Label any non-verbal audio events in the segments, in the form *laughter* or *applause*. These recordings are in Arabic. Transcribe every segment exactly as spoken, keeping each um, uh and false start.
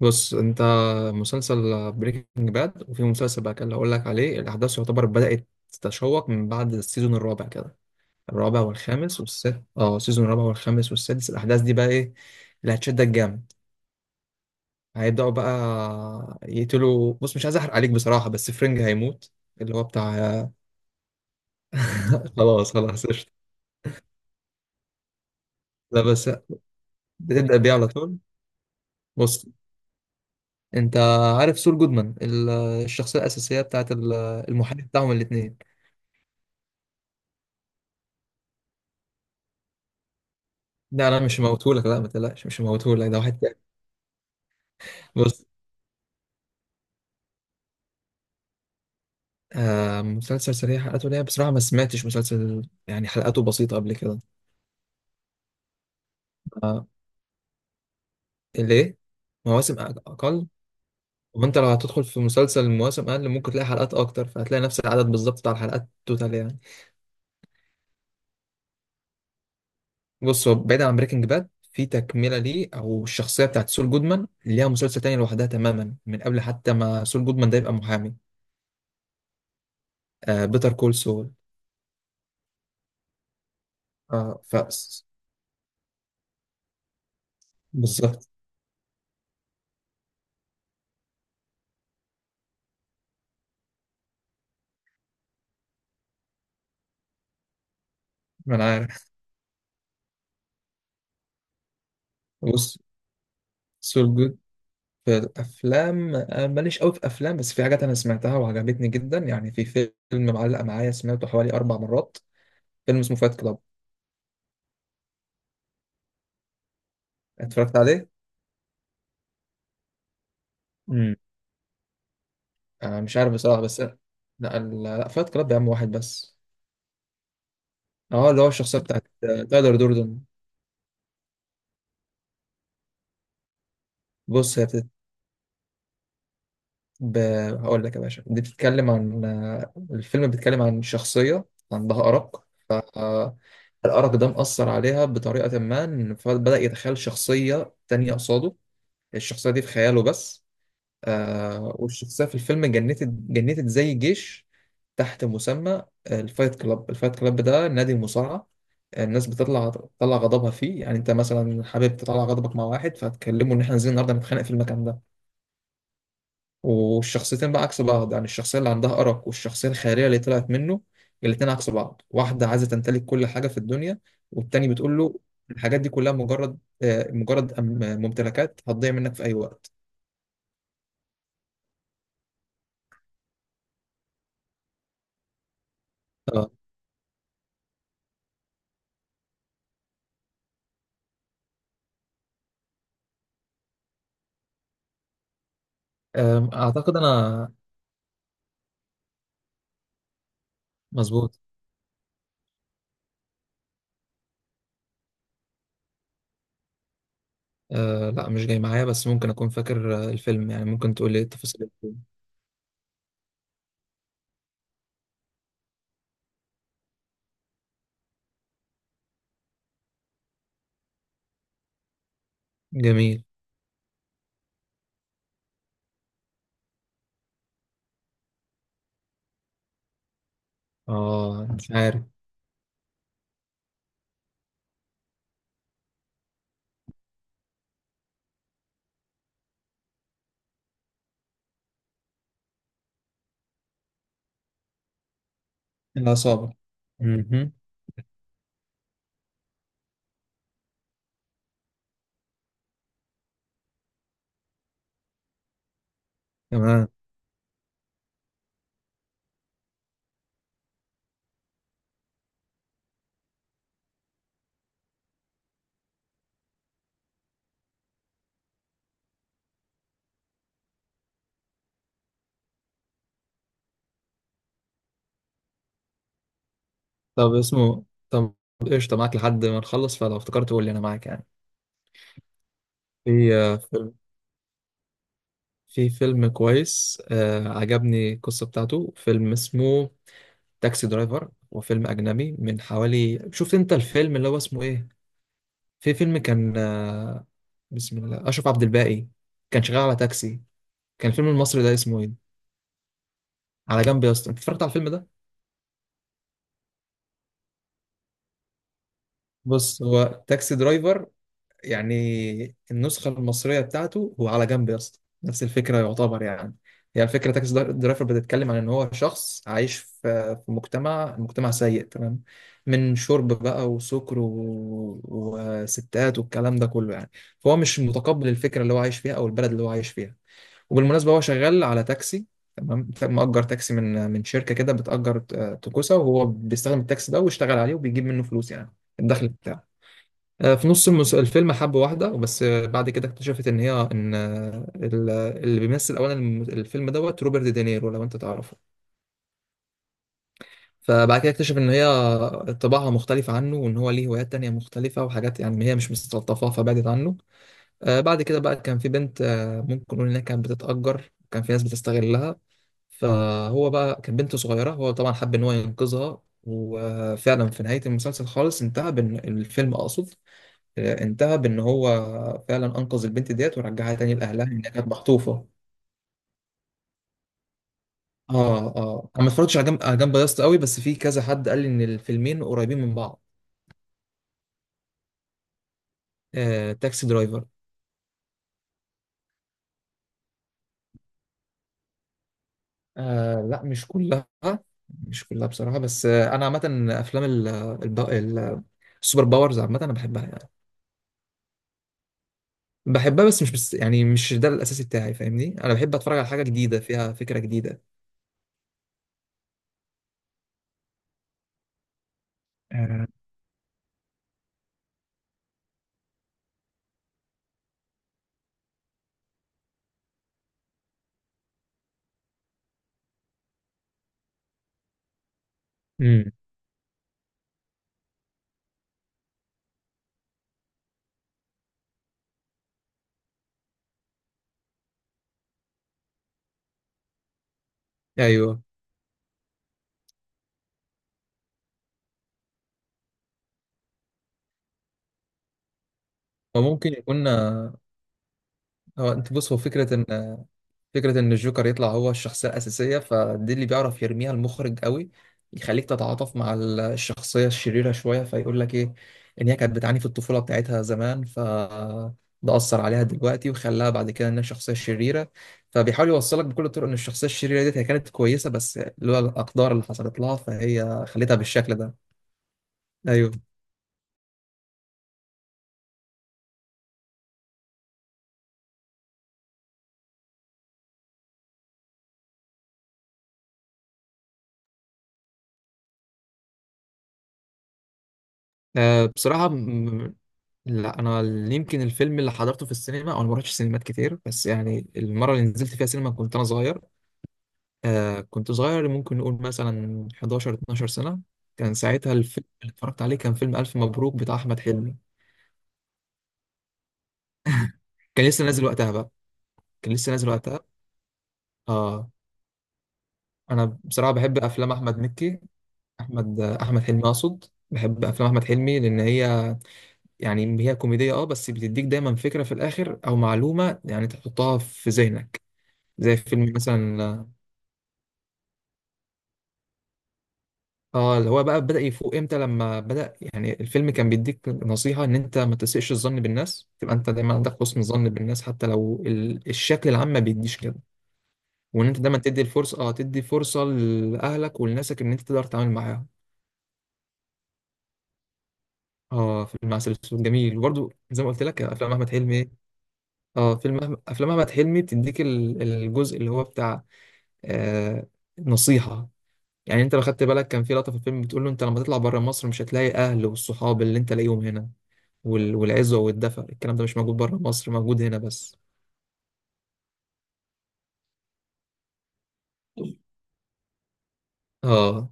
بص انت، مسلسل بريكنج باد، وفي مسلسل بقى كان اللي هقول لك عليه الاحداث يعتبر بدأت تتشوق من بعد السيزون الرابع كده. الرابع والخامس والسادس، اه السيزون الرابع والخامس والسادس الاحداث دي بقى ايه اللي هتشدك جامد. هيبدأوا بقى يقتلوا، بص مش عايز احرق عليك بصراحة، بس فرينج هيموت، اللي هو بتاع *laughs* خلاص، خلاص، قشطة. لا بس بتبدأ بيه على طول. بص، انت عارف سول جودمان ال- الشخصية الأساسية بتاعت ال- المحامي بتاعهم الاتنين. لا لا مش موتهولك، لا ما تقلقش مش موتهولك، ده واحد تاني. بص، آه مسلسل سريع حلقاته ليه، بصراحة ما سمعتش مسلسل يعني حلقاته بسيطة قبل كده. آه، ليه؟ مواسم أق- أقل. وأنت لو هتدخل في مسلسل مواسم أقل ممكن تلاقي حلقات أكتر، فهتلاقي نفس العدد بالظبط بتاع الحلقات توتال يعني. بص، هو بعيد عن بريكنج باد في تكملة ليه، أو الشخصية بتاعت سول جودمان ليها مسلسل تاني لوحدها تماما من قبل حتى ما سول جودمان ده يبقى محامي. آه، بيتر كول سول. آه ف بالظبط. ما أنا عارف. بص سول جود في الافلام آه، ماليش قوي في افلام، بس في حاجات انا سمعتها وعجبتني جدا يعني. في فيلم معلق معايا سمعته حوالي اربع مرات. فيلم اسمه فايت كلاب. اتفرجت عليه. امم، انا مش عارف بصراحه بس، لا ال- لا فايت كلاب يا عم واحد بس. اه، اللي هو الشخصيه بتاعت آه، تايلر دوردن. بص هي بتت... ب... هقول لك يا باشا، دي بتتكلم عن آه، الفيلم بيتكلم عن شخصيه عندها ارق. آه، الارق ده مأثر عليها بطريقه ما، إن فبدأ يتخيل شخصيه تانية قصاده. الشخصيه دي في خياله بس. آه، والشخصية في الفيلم جنتت جنتت زي جيش تحت مسمى آه، الفايت كلاب الفايت كلاب ده، نادي المصارعة. الناس بتطلع تطلع غضبها فيه، يعني انت مثلا حابب تطلع غضبك مع واحد فهتكلمه ان احنا نازلين النهارده نتخانق في المكان ده. والشخصيتين بقى عكس بعض، يعني الشخصية اللي عندها أرق والشخصية الخيرية اللي طلعت منه، الاتنين عكس بعض. واحدة عايزة تمتلك كل حاجة في الدنيا، والتاني بتقول له الحاجات دي كلها مجرد آه، مجرد أم- ممتلكات هتضيع منك في أي وقت. آه، آم، أعتقد أنا، مظبوط. آه لا مش جاي معايا، بس ممكن اكون فاكر آه، الفيلم يعني، ممكن تقول لي إيه تفاصيل الفيلم. جميل. اه مش عارف. العصابة. مهم. تمام. طب اسمه طب قشطة، معاك لحد ما نخلص، فلو افتكرت قول لي انا معاك يعني. في آه، فيلم في فيلم كويس آه عجبني القصة بتاعته، فيلم اسمه تاكسي درايفر. وفيلم اجنبي من حوالي، شفت انت الفيلم اللي هو اسمه ايه؟ في فيلم كان آه، بسم الله، اشرف عبد الباقي كان شغال على تاكسي، كان الفيلم المصري ده اسمه ايه؟ على جنب يا اسطى. انت اتفرجت على الفيلم ده؟ بص، هو تاكسي درايفر، يعني النسخه المصريه بتاعته هو على جنب يا اسطى، نفس الفكره يعتبر يعني. هي الفكره، تاكسي در- درايفر بتتكلم عن ان هو شخص عايش في في مجتمع، مجتمع سيء تمام، من شرب بقى وسكر و... وستات والكلام ده كله يعني. فهو مش متقبل الفكره اللي هو عايش فيها او البلد اللي هو عايش فيها. وبالمناسبه هو شغال على تاكسي، تمام، مأجر تاكسي من من شركه كده بتأجر آه، توكوسا، وهو بيستخدم التاكسي ده ويشتغل عليه وبيجيب منه فلوس يعني، الدخل بتاعه. آه، في نص المس- الفيلم حب واحده وبس. آه، بعد كده اكتشفت ان هي ان آه، ال- اللي بيمثل اولا الم- الفيلم دوت روبرت دينيرو لو انت تعرفه. فبعد كده اكتشف ان هي طباعها مختلفه عنه، وان هو ليه هوايات تانية مختلفه وحاجات يعني هي مش مستلطفاها، فبعدت عنه. آه، بعد كده بقى كان في بنت، آه، ممكن نقول انها كانت بتتأجر، كان في ناس بتستغلها. فهو بقى، كانت بنت صغيرة، هو طبعا حب إن هو ينقذها، وفعلا في نهاية المسلسل خالص انتهى بإن، الفيلم أقصد، آه، انتهى بإن هو فعلا أنقذ البنت ديت ورجعها تاني لأهلها، إنها كانت مخطوفة. آه آه، أنا ما اتفرجتش على جنب على جنب ياسط قوي، بس في كذا حد قال لي إن الفيلمين قريبين من بعض. آه، تاكسي درايفر. آه لا مش كلها، مش كلها بصراحة، بس آه أنا عامة أفلام ال- الب- ال- السوبر باورز عامة أنا بحبها يعني. بحبها، بس مش بس يعني مش ده الاساسي بتاعي، فاهمني، انا بحب اتفرج على حاجه جديده فيها فكره جديده. آه، امم. ايوه. وممكن يكون آه، هو انت بص هو فكره ان، فكرة إن الجوكر يطلع هو الشخصية الأساسية، فدي اللي بيعرف يرميها المخرج قوي، يخليك تتعاطف مع ال- الشخصية الشريرة شوية، فيقول لك إيه، إن هي كانت بتعاني في الطفولة بتاعتها زمان، ف ده أثر عليها دلوقتي وخلاها بعد كده إنها شخصية شريرة. فبيحاول يوصلك بكل الطرق إن الشخصية الشريرة ديت هي كانت كويسة، بس لولا الأقدار اللي حصلت لها فهي خلتها بالشكل ده. أيوه. أه بصراحة م- لا، انا ال- يمكن الفيلم اللي حضرته في السينما، او انا ما رحتش سينمات كتير، بس يعني المره اللي نزلت فيها سينما كنت انا صغير. آه كنت صغير، ممكن نقول مثلا حداشر اتناشر سنة. كان ساعتها الفيلم اللي اتفرجت عليه كان فيلم ألف مبروك بتاع أحمد حلمي، كان لسه نازل وقتها بقى، كان لسه نازل وقتها. آه، أنا بصراحة بحب أفلام أحمد مكي أحمد آه، أحمد حلمي أقصد. بحب أفلام أحمد حلمي لأن هي يعني هي كوميدية أه، بس بتديك دايما فكرة في الآخر أو معلومة يعني تحطها في ذهنك. زي فيلم مثلا، اه اللي هو بقى بدأ يفوق امتى، لما بدأ يعني الفيلم كان بيديك نصيحة ان انت ما تسيئش الظن بالناس، تبقى انت دايما عندك حسن ظن بالناس حتى لو ال- الشكل العام ما بيديش كده. وان انت دايما تدي الفرصة، اه تدي فرصة لأهلك ولناسك ان انت تقدر تتعامل معاهم. اه فيلم عسل اسود جميل، وبرده زي ما قلت لك افلام احمد حلمي ايه. اه فيلم أحمد- افلام احمد حلمي بتديك ال- الجزء اللي هو بتاع آه نصيحة. يعني انت لو خدت بالك كان في لقطة في الفيلم بتقول له، انت لما تطلع بره مصر مش هتلاقي اهل والصحاب اللي انت لاقيهم هنا، وال- والعزوة والدفء الكلام ده مش موجود بره مصر، موجود هنا بس. اه.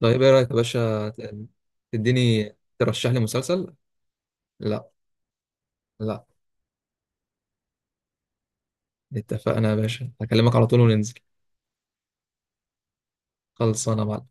طيب ايه رأيك يا باشا ت- تديني، ترشح لي مسلسل. لا لا، اتفقنا يا باشا هكلمك على طول وننزل. خلصانه يا معلم.